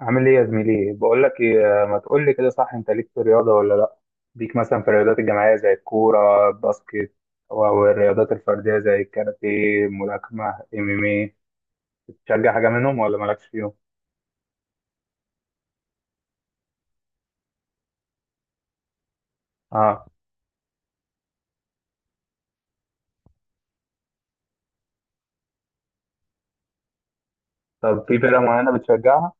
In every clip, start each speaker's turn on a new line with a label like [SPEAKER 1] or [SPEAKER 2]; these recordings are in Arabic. [SPEAKER 1] عامل ايه يا زميلي؟ بقول لك ايه، ما تقول لي كده، صح؟ انت ليك في الرياضه ولا لا؟ ليك مثلا في الرياضات الجماعيه زي الكوره الباسكت او الرياضات الفرديه زي الكاراتيه الملاكمه MMA، بتشجع حاجه منهم ولا مالكش فيهم؟ اه، طب في فرقه معينه بتشجعها؟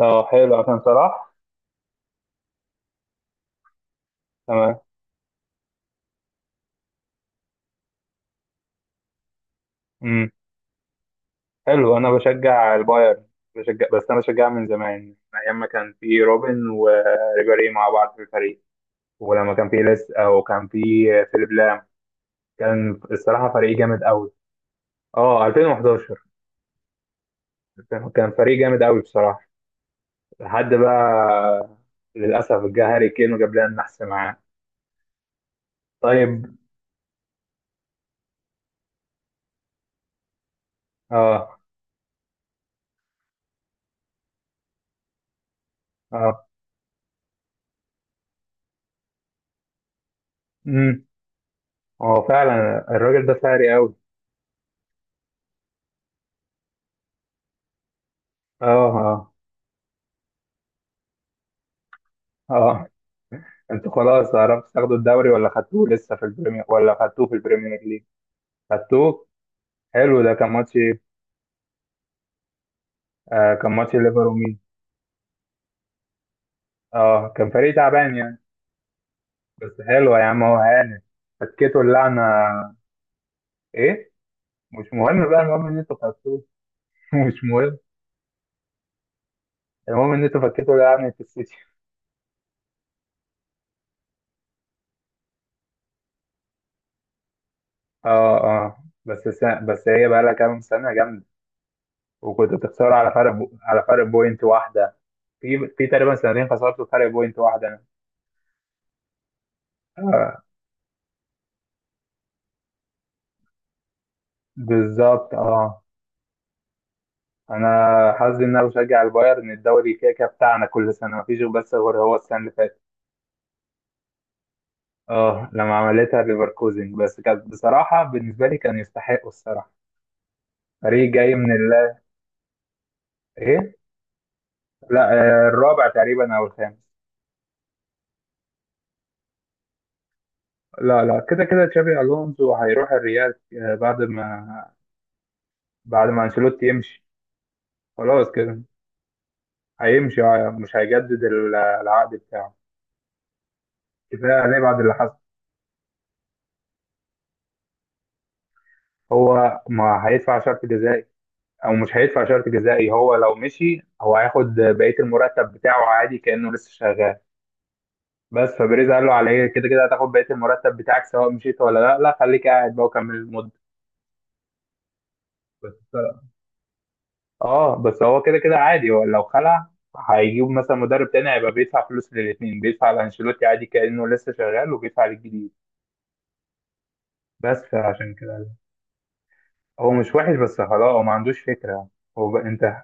[SPEAKER 1] اه حلو، عشان صلاح. تمام. امم. حلو، انا بشجع البايرن، بشجع، بس انا بشجعها من زمان، من ايام ما كان في روبن وريبيري مع بعض في الفريق، ولما كان في ليس او كان في فيليب لام، كان الصراحة فريق جامد قوي. اه 2011، كان فريق جامد قوي بصراحة لحد بقى، للأسف جه هاري كين وجاب لنا النحس معاه. طيب. اه. اه. امم. هو فعلا الراجل ده فاري قوي. اه. اه. اه انتوا خلاص عرفتوا تاخدوا الدوري ولا خدتوه لسه في البريمير، ولا خدتوه في البريمير ليج؟ خدتوه. حلو، ده كان ماتش ايه؟ آه كان ماتش ليفر ومين؟ اه كان فريق تعبان يعني. بس حلو يا عم، هو هانت، فكيتوا اللعنة. ايه، مش مهم بقى، المهم ان انتوا خدتوه. مش مهم. المهم ان انتوا فكيتوا يعني في السيتي. اه اه، بس هي بقى لها كام سنه جامده، وكنتوا بتخسروا على على فرق بوينت واحده، في تقريبا سنتين خسرتوا فرق بوينت واحده. آه بالظبط اه. انا حظي ان انا بشجع البايرن، الدوري كده كده بتاعنا كل سنه، مفيش بس غير هو السنه اللي فاتت، اه لما عملتها ليفركوزن، بس كانت بصراحه بالنسبه لي كان يستحقوا الصراحه، فريق جاي من الله. ايه. لا، آه، الرابع تقريبا او الخامس. لا لا، كده كده تشابي الونسو هيروح الريال، آه، بعد ما، بعد ما انشيلوتي يمشي خلاص كده. هيمشي آه، مش هيجدد العقد بتاعه، كفايه عليه بعد اللي حصل. هو ما هيدفع شرط جزائي، او مش هيدفع شرط جزائي، هو لو مشي هو هياخد بقيه المرتب بتاعه عادي كانه لسه شغال، بس فبريز قال له: على ايه، كده كده هتاخد بقيه المرتب بتاعك سواء مشيت ولا لا، لا خليك قاعد بقى وكمل المده. بس. اه بس هو كده كده عادي، هو لو خلع هيجيب مثلا مدرب تاني، هيبقى بيدفع فلوس للاتنين، بيدفع لانشيلوتي عادي كأنه لسه شغال وبيدفع للجديد. بس عشان كده، هو مش وحش بس خلاص هو ما عندوش فكرة، انت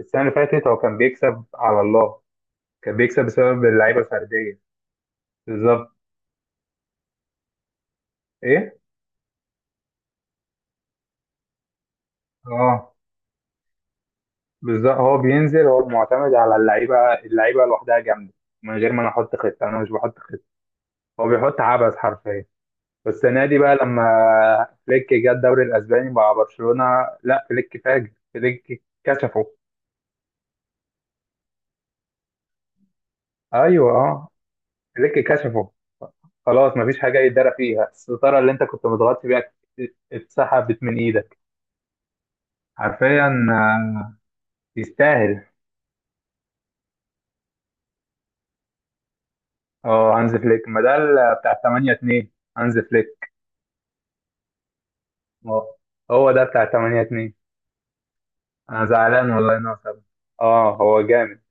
[SPEAKER 1] السنة اللي فاتت هو كان بيكسب على الله، كان بيكسب بسبب اللعيبة الفردية. بالظبط. ايه. اه بالظبط، هو بينزل هو معتمد على اللعيبة، اللعيبة لوحدها جامدة، من غير ما انا احط خطة، انا مش بحط خطة، هو بيحط عبث حرفيا. والسنه دي بقى لما فليك جه الدوري الاسباني مع برشلونه، لا فليك فاجر، فليك كشفه. ايوه اه، فليك كشفه، خلاص مفيش حاجه يتدرى فيها، الستاره اللي انت كنت متغطي بيها اتسحبت من ايدك حرفيا، آه، يستاهل. اه هانز فليك، ما ده بتاع 8-2. هانز فليك. هو هو ده بتاع 8-2. انا زعلان والله انه سابه. اه هو جامد،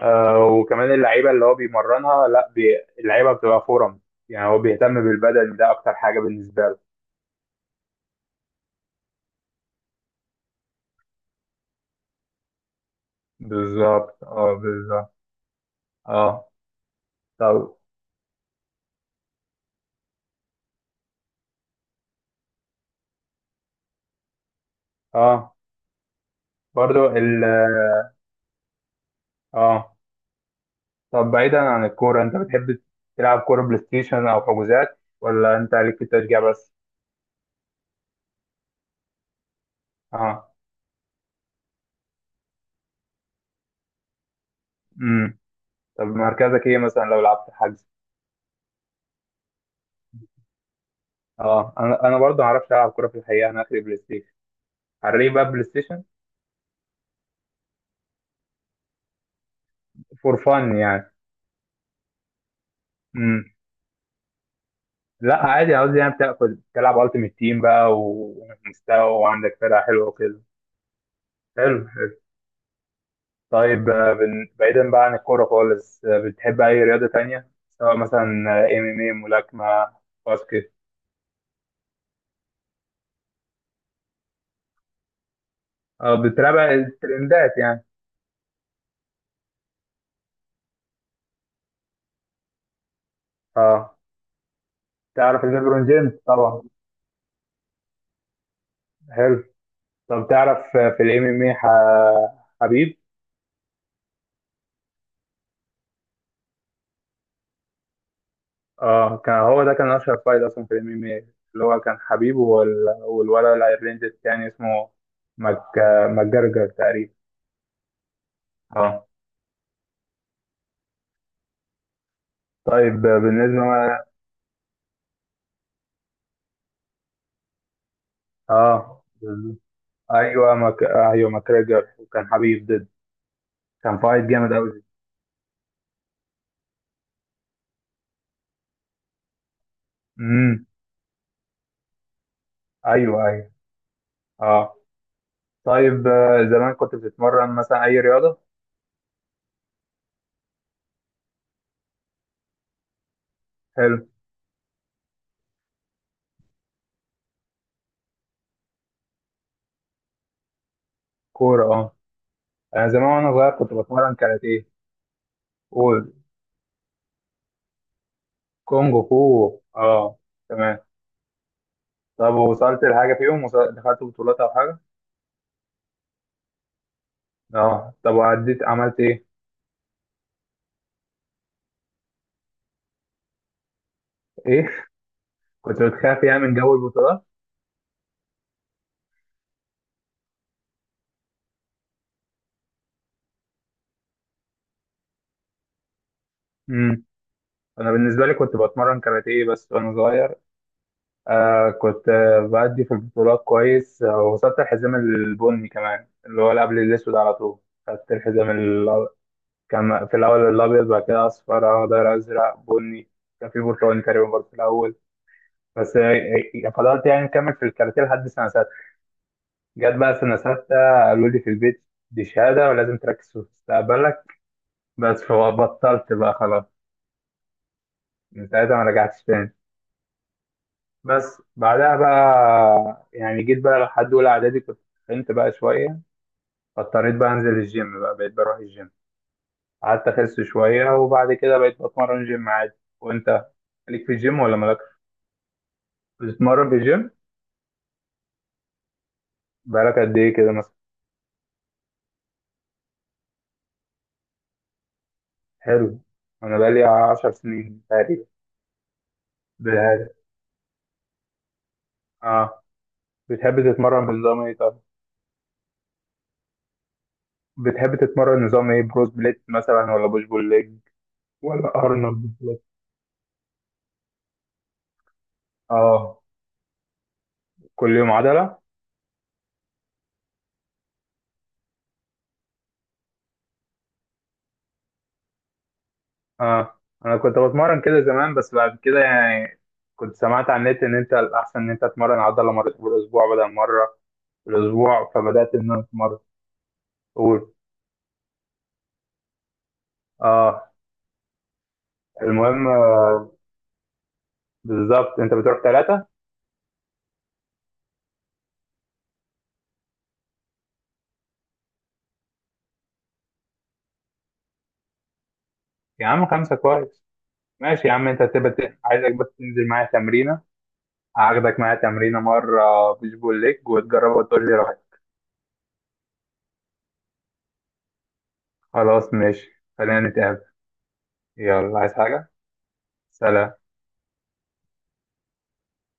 [SPEAKER 1] آه وكمان اللعيبه اللي هو بيمرنها، لا بي... اللعيبه بتبقى فورم، يعني هو بيهتم بالبدن، ده اكتر حاجه بالنسبه له. بالظبط اه بالظبط. اه. طب. اه برضو ال، اه. طب بعيدا عن الكوره، انت بتحب تلعب كوره بلاي ستيشن او حجوزات، ولا انت ليك في التشجيع بس؟ اه. امم. طب مركزك ايه مثلا لو لعبت حجز؟ اه انا، انا برضه ما اعرفش العب كوره في الحقيقه، انا اخري بلاي ستيشن. على ليه بقى بلاي ستيشن؟ فور فن يعني؟ لا عادي، عاوز يعني بتاكل تلعب التيمت تيم بقى ومستوى وعندك فرقه حلوه وكده. حلو حلو. طيب آه، بعيدا بقى عن الكوره خالص، آه، بتحب اي رياضه تانية؟ سواء مثلا ام، ام اي، ملاكمه، باسكت. اه بتتابع الترندات يعني. اه. تعرف ليبرون جيمس طبعا. حلو. طب تعرف آه، في MMA، حبيب؟ اه كان، هو ده كان اشهر فايت اصلا في MMA، اللي هو كان حبيب والولد الايرلندي التاني اسمه مك... ماجرجر تقريبا. اه. طيب بالنسبه ما... اه بالظبط. ايوه ايوه ماجرجر وكان حبيب ضد، كان فايت جامد قوي. امم. ايوه ايوه. اه. طيب آه، زمان كنت بتتمرن مثلا اي رياضه؟ حلو. كوره اه. انا زمان وانا صغير كنت بتمرن كاراتيه. قول. كونغ فو اه. تمام. طب ووصلت لحاجة فيهم، دخلت بطولات أو حاجة؟ اه طب وعديت عملت إيه؟ إيه؟ كنت بتخاف يعني من جو البطولات؟ امم. أنا بالنسبة لي كنت بتمرن كاراتيه بس وأنا صغير، آه كنت آه، بأدي في البطولات كويس، آه، وصلت الحزام البني كمان، اللي هو اللي قبل الأسود على طول، خدت الحزام كان في الأول الأبيض بعد كده أصفر أخضر أزرق بني، كان في برتقالي تقريبا برضه في الأول، بس آه، آه، فضلت يعني مكمل في الكاراتيه لحد سنة، جت بقى سنة ستة، قالوا لي في البيت دي شهادة ولازم تركز في مستقبلك، بس فبطلت بقى خلاص، من ساعتها ما رجعتش تاني. بس بعدها بقى يعني جيت بقى لحد أولى إعدادي، كنت تخنت بقى شوية، فاضطريت بقى أنزل الجيم بقى، بقيت بروح الجيم، قعدت أخس شوية، وبعد كده بقيت بتمرن جيم عادي. وأنت ليك في الجيم ولا مالكش؟ بتتمرن في الجيم. بقالك قد إيه كده مثلا؟ حلو. أنا بقالي 10 سنين تقريبا. بهذا. آه. بتحب تتمرن بنظام إيه طيب؟ بتحب تتمرن نظام ايه، بروس بليت مثلا ولا بوش بول ليج ولا ارنولد سبليت؟ اه كل يوم عضلة. اه انا كنت بتمرن كده زمان، بس بعد كده يعني كنت سمعت على النت ان انت الاحسن ان انت تتمرن عضلة مرتين في الاسبوع بدل مرة في الاسبوع، فبدأت ان انا اتمرن. قول. اه المهم آه، بالظبط انت بتروح ثلاثة. يا عم خمسة كويس، ماشي يا عم، انت تبقى عايزك بس تنزل معايا تمرينة، هاخدك معايا تمرينة مرة بوش بول ليج وتجربها وتقول لي. خلاص ماشي، خلينا نتقابل. يلا، عايز حاجة؟ سلام.